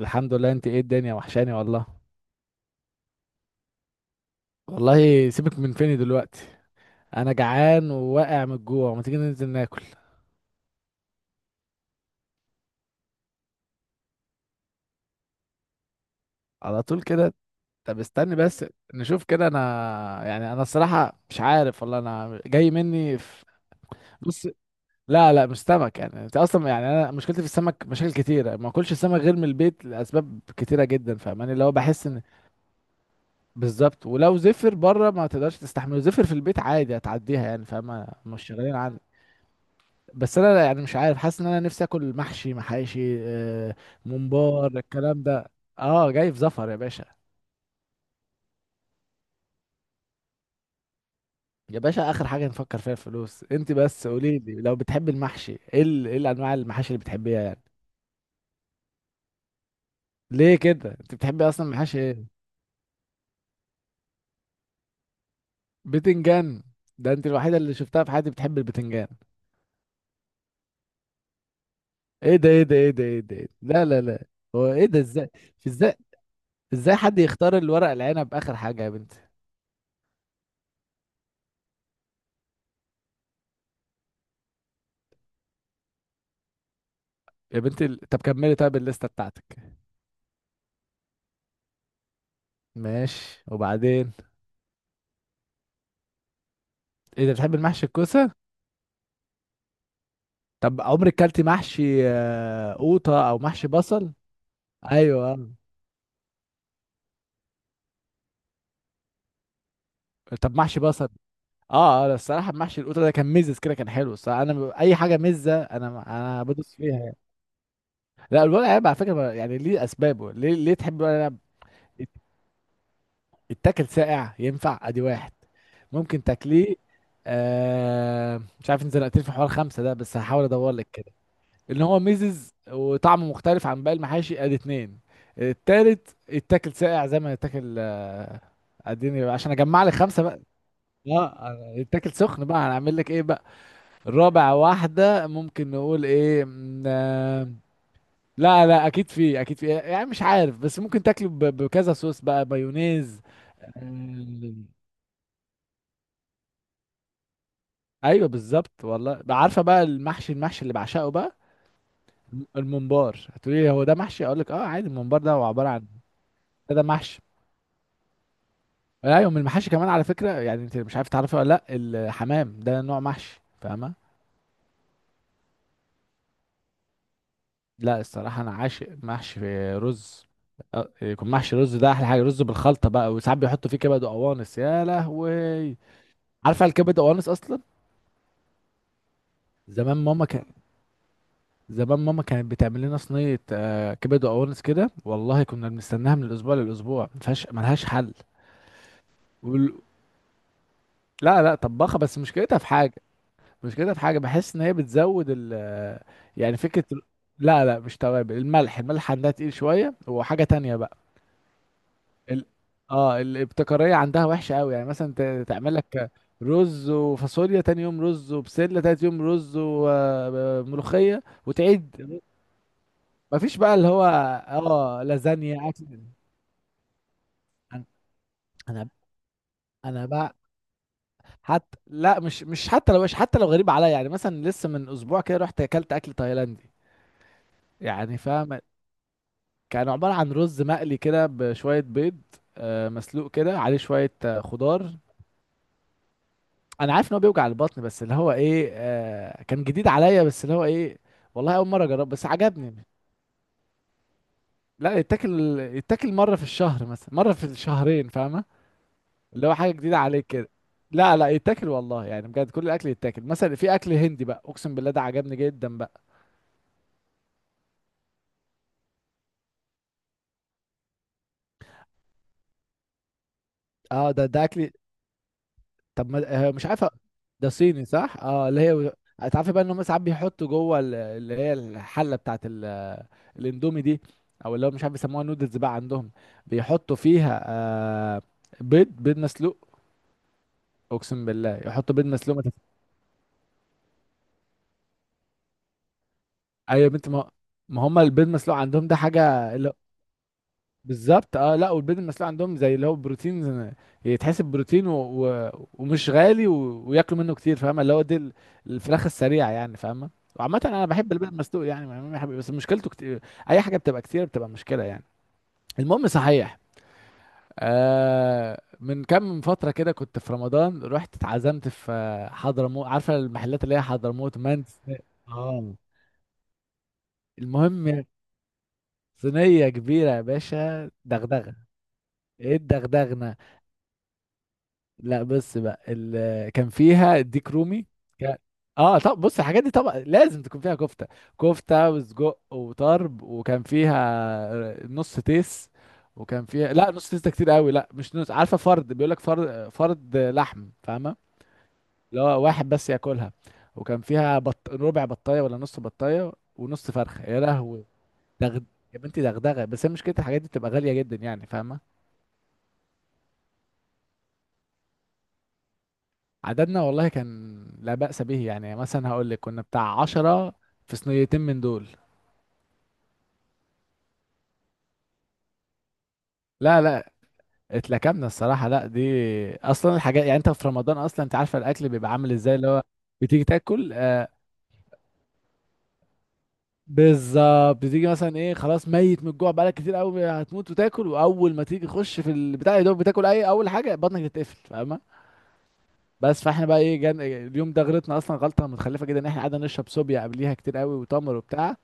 الحمد لله. انت ايه، الدنيا وحشاني والله. والله سيبك من فيني دلوقتي. انا جعان وواقع من الجوع، ما تيجي ننزل ناكل. على طول كده. طب استني بس. نشوف كده انا. يعني انا الصراحة مش عارف والله، انا جاي مني في... بص. لا لا مش سمك. يعني انت اصلا، يعني انا مشكلتي في السمك مشاكل كتيرة، ما اكلش سمك غير من البيت لاسباب كتيرة جدا، فاهماني، اللي هو بحس ان... بالظبط، ولو زفر بره ما تقدرش تستحمله، زفر في البيت عادي هتعديها يعني، فاهمة، مش شغالين عندي. بس انا يعني مش عارف، حاسس ان انا نفسي اكل محشي محاشي. ممبار الكلام ده. اه جاي في زفر يا باشا. يا باشا، اخر حاجه نفكر فيها الفلوس، انت بس قولي لي لو بتحبي المحشي، ايه الانواع المحاشي اللي بتحبيها يعني. ليه كده؟ انت بتحبي اصلا محاشي ايه؟ بتنجان. ده انت الوحيده اللي شفتها في حياتي بتحب البتنجان. ايه ده ايه ده ايه ده ايه ده، إيه ده؟ لا لا لا. هو ايه ده ازاي؟ ازاي؟ ازاي حد يختار الورق العنب اخر حاجه يا بنتي؟ يا بنتي طب كملي طيب، الليسته بتاعتك. ماشي، وبعدين؟ ايه ده، بتحب المحشي الكوسه؟ طب عمرك كلتي محشي، قوطه او محشي بصل؟ ايوه. طب محشي بصل. اه اه الصراحه، محشي القوطه ده كان مزز كده، كان حلو الصراحه، انا اي حاجه مزه انا انا بدوس فيها يعني. لا الورق عنب على فكره، يعني ليه، اسبابه، ليه تحب الورق عنب. يت- يتاكل ساقع، ينفع، ادي واحد. ممكن تاكليه. مش عارف، انت زنقتني في حوار خمسه ده، بس هحاول ادور لك. ان هو ميزز وطعمه مختلف عن باقي المحاشي، ادي 2. التالت يتاكل ساقع زي ما يتاكل. اديني بقى عشان اجمع لك خمسه بقى. اه يتاكل سخن بقى، هنعمل لك ايه بقى؟ الرابع واحده، ممكن نقول ايه. لا لا اكيد في، اكيد في، يعني مش عارف بس ممكن تاكله بكذا صوص بقى، مايونيز. آه، ايوه بالظبط والله. بقى عارفه بقى المحشي، المحشي اللي بعشقه بقى. الممبار، هتقولي هو ده محشي؟ اقول لك اه عادي، الممبار ده هو عباره عن... ده محشي. ايوه من المحاشي كمان على فكره، يعني انت مش عارف تعرفي ولا لا، الحمام ده نوع محشي فاهمه. لا الصراحه انا عاشق محشي رز. يكون محشي رز ده احلى حاجه، رز بالخلطه بقى، وساعات بيحطوا فيه كبد وقوانص، يا لهوي. عارفه الكبد وقوانص اصلا؟ زمان ماما كان... زمان ماما كانت بتعمل لنا صينيه كبد وقوانص كده والله، كنا بنستناها من الاسبوع للاسبوع، ما فيهاش ملهاش حل. وال... لا لا طباخه، بس مشكلتها في حاجه. مش كده، في حاجة بحس ان هي بتزود ال... يعني فكرة لا لا مش توابل، الملح، الملح عندها تقيل شوية، وحاجة تانية بقى. ال... اه الابتكارية عندها وحشة قوي، يعني مثلا تعمل لك رز وفاصوليا، تاني يوم رز وبسلة، تالت يوم رز وملوخية وتعيد. مفيش بقى اللي هو... اه لازانيا اكل. انا انا أنا بقى، حتى لا، مش حتى لو غريب عليا، يعني مثلا لسه من اسبوع كده رحت اكلت اكل تايلاندي. يعني فاهم؟ كان عبارة عن رز مقلي كده بشوية بيض مسلوق كده، عليه شوية خضار. أنا عارف إن هو بيوجع البطن، بس اللي هو إيه، كان جديد عليا، بس اللي هو إيه، والله أول مرة أجرب، بس عجبني. لا يتاكل مرة في الشهر مثلا، مرة في الشهرين، فاهمة. اللي هو حاجة جديدة عليك كده. لا لا يتاكل والله يعني، بجد كل الأكل يتاكل، مثلا في أكل هندي بقى، أقسم بالله ده عجبني جدا بقى. اه ده أكل. طب ما مش عارفه. ده صيني صح، اه اللي هي... تعرفي بقى ان هم ساعات بيحطوا جوه اللي هي الحله بتاعت الاندومي دي، او اللي هو مش عارف يسموها نودلز بقى عندهم، بيحطوا فيها بيض، بيض مسلوق. اقسم بالله يحطوا بيض مسلوق ما تف- ايوه يا بنت ما، ما هم البيض مسلوق عندهم ده حاجه اللي... بالظبط اه. لا والبيض المسلوق عندهم زي اللي هو بروتين، يتحسب بروتين ومش غالي، وياكلوا منه كتير فاهمه، اللي هو دي الفراخ السريعه يعني فاهمه. وعامه انا بحب البيض المسلوق يعني ما- ما بحب- بس مشكلته كتير. اي حاجه بتبقى كتير بتبقى مشكله يعني. المهم صحيح، من كام فتره كده كنت في رمضان، رحت اتعزمت في حضرموت. عارفه المحلات اللي هي حضرموت مانس. اه المهم، صينيه كبيره يا باشا، دغدغه. ايه الدغدغه؟ لا بس بقى. كان فيها ديك رومي. كان- اه طب بص، الحاجات دي طبعا لازم تكون فيها كفته، كفته وسجق وطرب، وكان فيها نص تيس. وكان فيها لا، نص تيس ده كتير قوي، لا مش نص، عارفه، فرد، بيقول لك فرد، فرد لحم فاهمه، اللي هو واحد بس ياكلها. وكان فيها ربع بطايه ولا نص بطايه ونص فرخه، يا لهوي. دغد... يا بنتي دغدغه، بس هي مشكله الحاجات دي بتبقى غاليه جدا يعني فاهمه. عددنا والله كان لا بأس به، يعني مثلا هقول لك كنا بتاع 10، في صينيتين من دول. لا لا اتلكمنا الصراحة، لا دي أصلا الحاجات، يعني أنت في رمضان أصلا أنت عارفة الأكل بيبقى عامل إزاي اللي هو بتيجي تاكل، بالظبط، بتيجي مثلا إيه، خلاص ميت من الجوع بقالك كتير قوي، هتموت، وتاكل، وأول ما تيجي تخش في البتاع، يا دوب بتاكل أي أول حاجة بطنك تتقفل فاهمة. بس فاحنا بقى ايه، جان اليوم ده غلطنا اصلا غلطه متخلفه جدا ان احنا قعدنا نشرب صوبيا قبليها كتير قوي، وتمر وبتاع.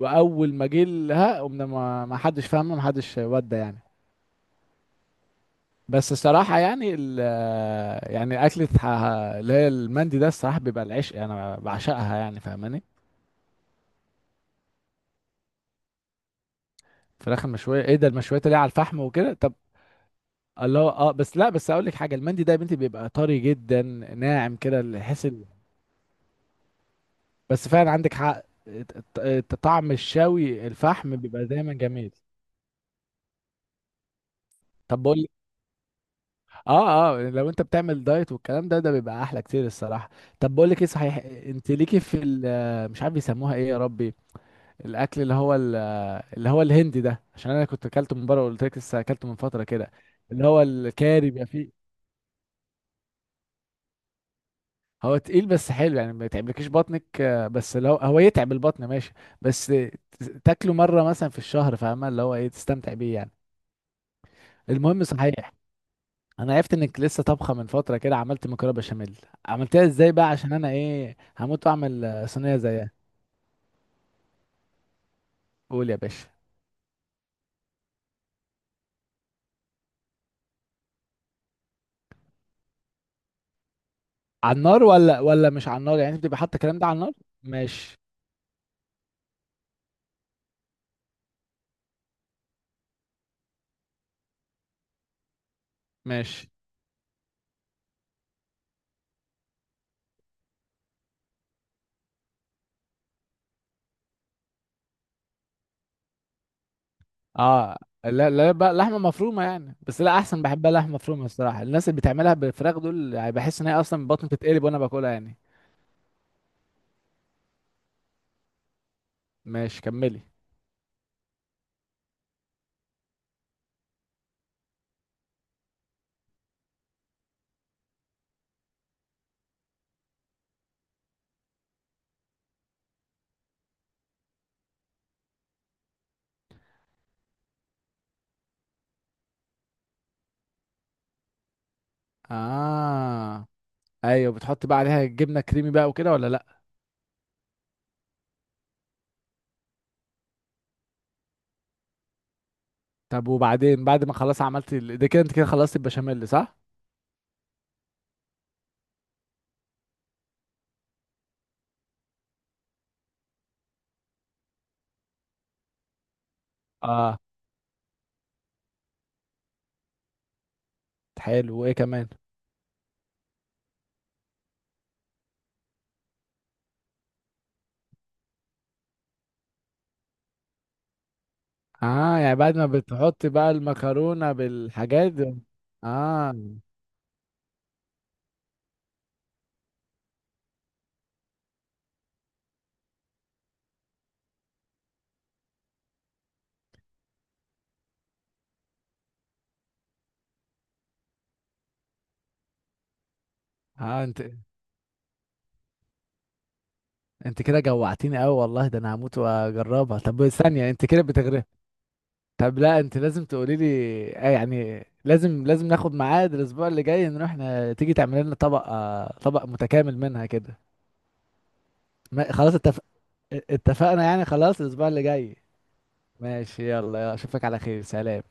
واول ما جه لها قمنا ما حدش فاهمه، ما حدش ودى يعني. بس الصراحه يعني ال... يعني اكله اللي هي المندي ده الصراحه بيبقى العشق يعني، انا بعشقها يعني فاهماني. فراخ المشويه ايه ده، المشويات اللي هي على الفحم وكده؟ طب الله، اه بس لا بس اقول لك حاجه، المندي ده يا بنتي بيبقى طري جدا، ناعم كده، اللي حس ال... بس فعلا عندك حق، طعم الشوي الفحم بيبقى دايما جميل. طب بقول، اه اه لو انت بتعمل دايت والكلام ده، ده بيبقى احلى كتير الصراحه. طب بقول لك ايه صحيح، انت ليكي في مش عارف بيسموها ايه يا ربي، الاكل اللي هو اللي هو الهندي ده، عشان انا كنت اكلته من بره وقلت لك لسه اكلته من فتره كده، اللي هو الكاري بيبقى فيه. هو تقيل بس حلو يعني، ما يتعبلكيش بطنك، بس لو هو يتعب البطن ماشي، بس ت- تاكله مره مثلا في الشهر فاهمه اللي هو ايه، تستمتع بيه يعني. المهم صحيح، انا عرفت انك لسه طبخه من فتره كده عملت مكرونه بشاميل. عملتها ازاي بقى عشان انا ايه، هموت واعمل صينيه زيها. قول يا باشا. على النار ولا مش على النار، يعني انت بتبقى حاطه الكلام ده على النار؟ ماشي. ماشي. اه لا لا بقى لحمه مفرومه يعني، بس لا احسن بحبها لحمه مفرومه الصراحه، الناس اللي بتعملها بالفراخ دول يعني بحس ان هي اصلا بطني بتتقلب وانا باكلها يعني. ماشي كملي. اه ايوه، بتحط بقى عليها جبنه كريمي بقى وكده ولا لا؟ طب وبعدين، بعد ما خلاص عملت ده كده انت كده خلصت البشاميل صح. اه حلو، وايه كمان؟ اه يعني بعد ما بتحط بقى المكرونة بالحاجات دي. اه اه انت كده جوعتيني قوي والله، ده انا هموت واجربها، طب ثانية انت كده بتغرف. طب لا انت لازم تقولي لي. يعني لازم لازم ناخد ميعاد الاسبوع اللي جاي، نروح ن... تيجي تعملي لنا طبق متكامل منها كده. ما... خلاص اتفق... اتفقنا يعني، خلاص الاسبوع اللي جاي. ماشي، يلا يلا، اشوفك على خير، سلام.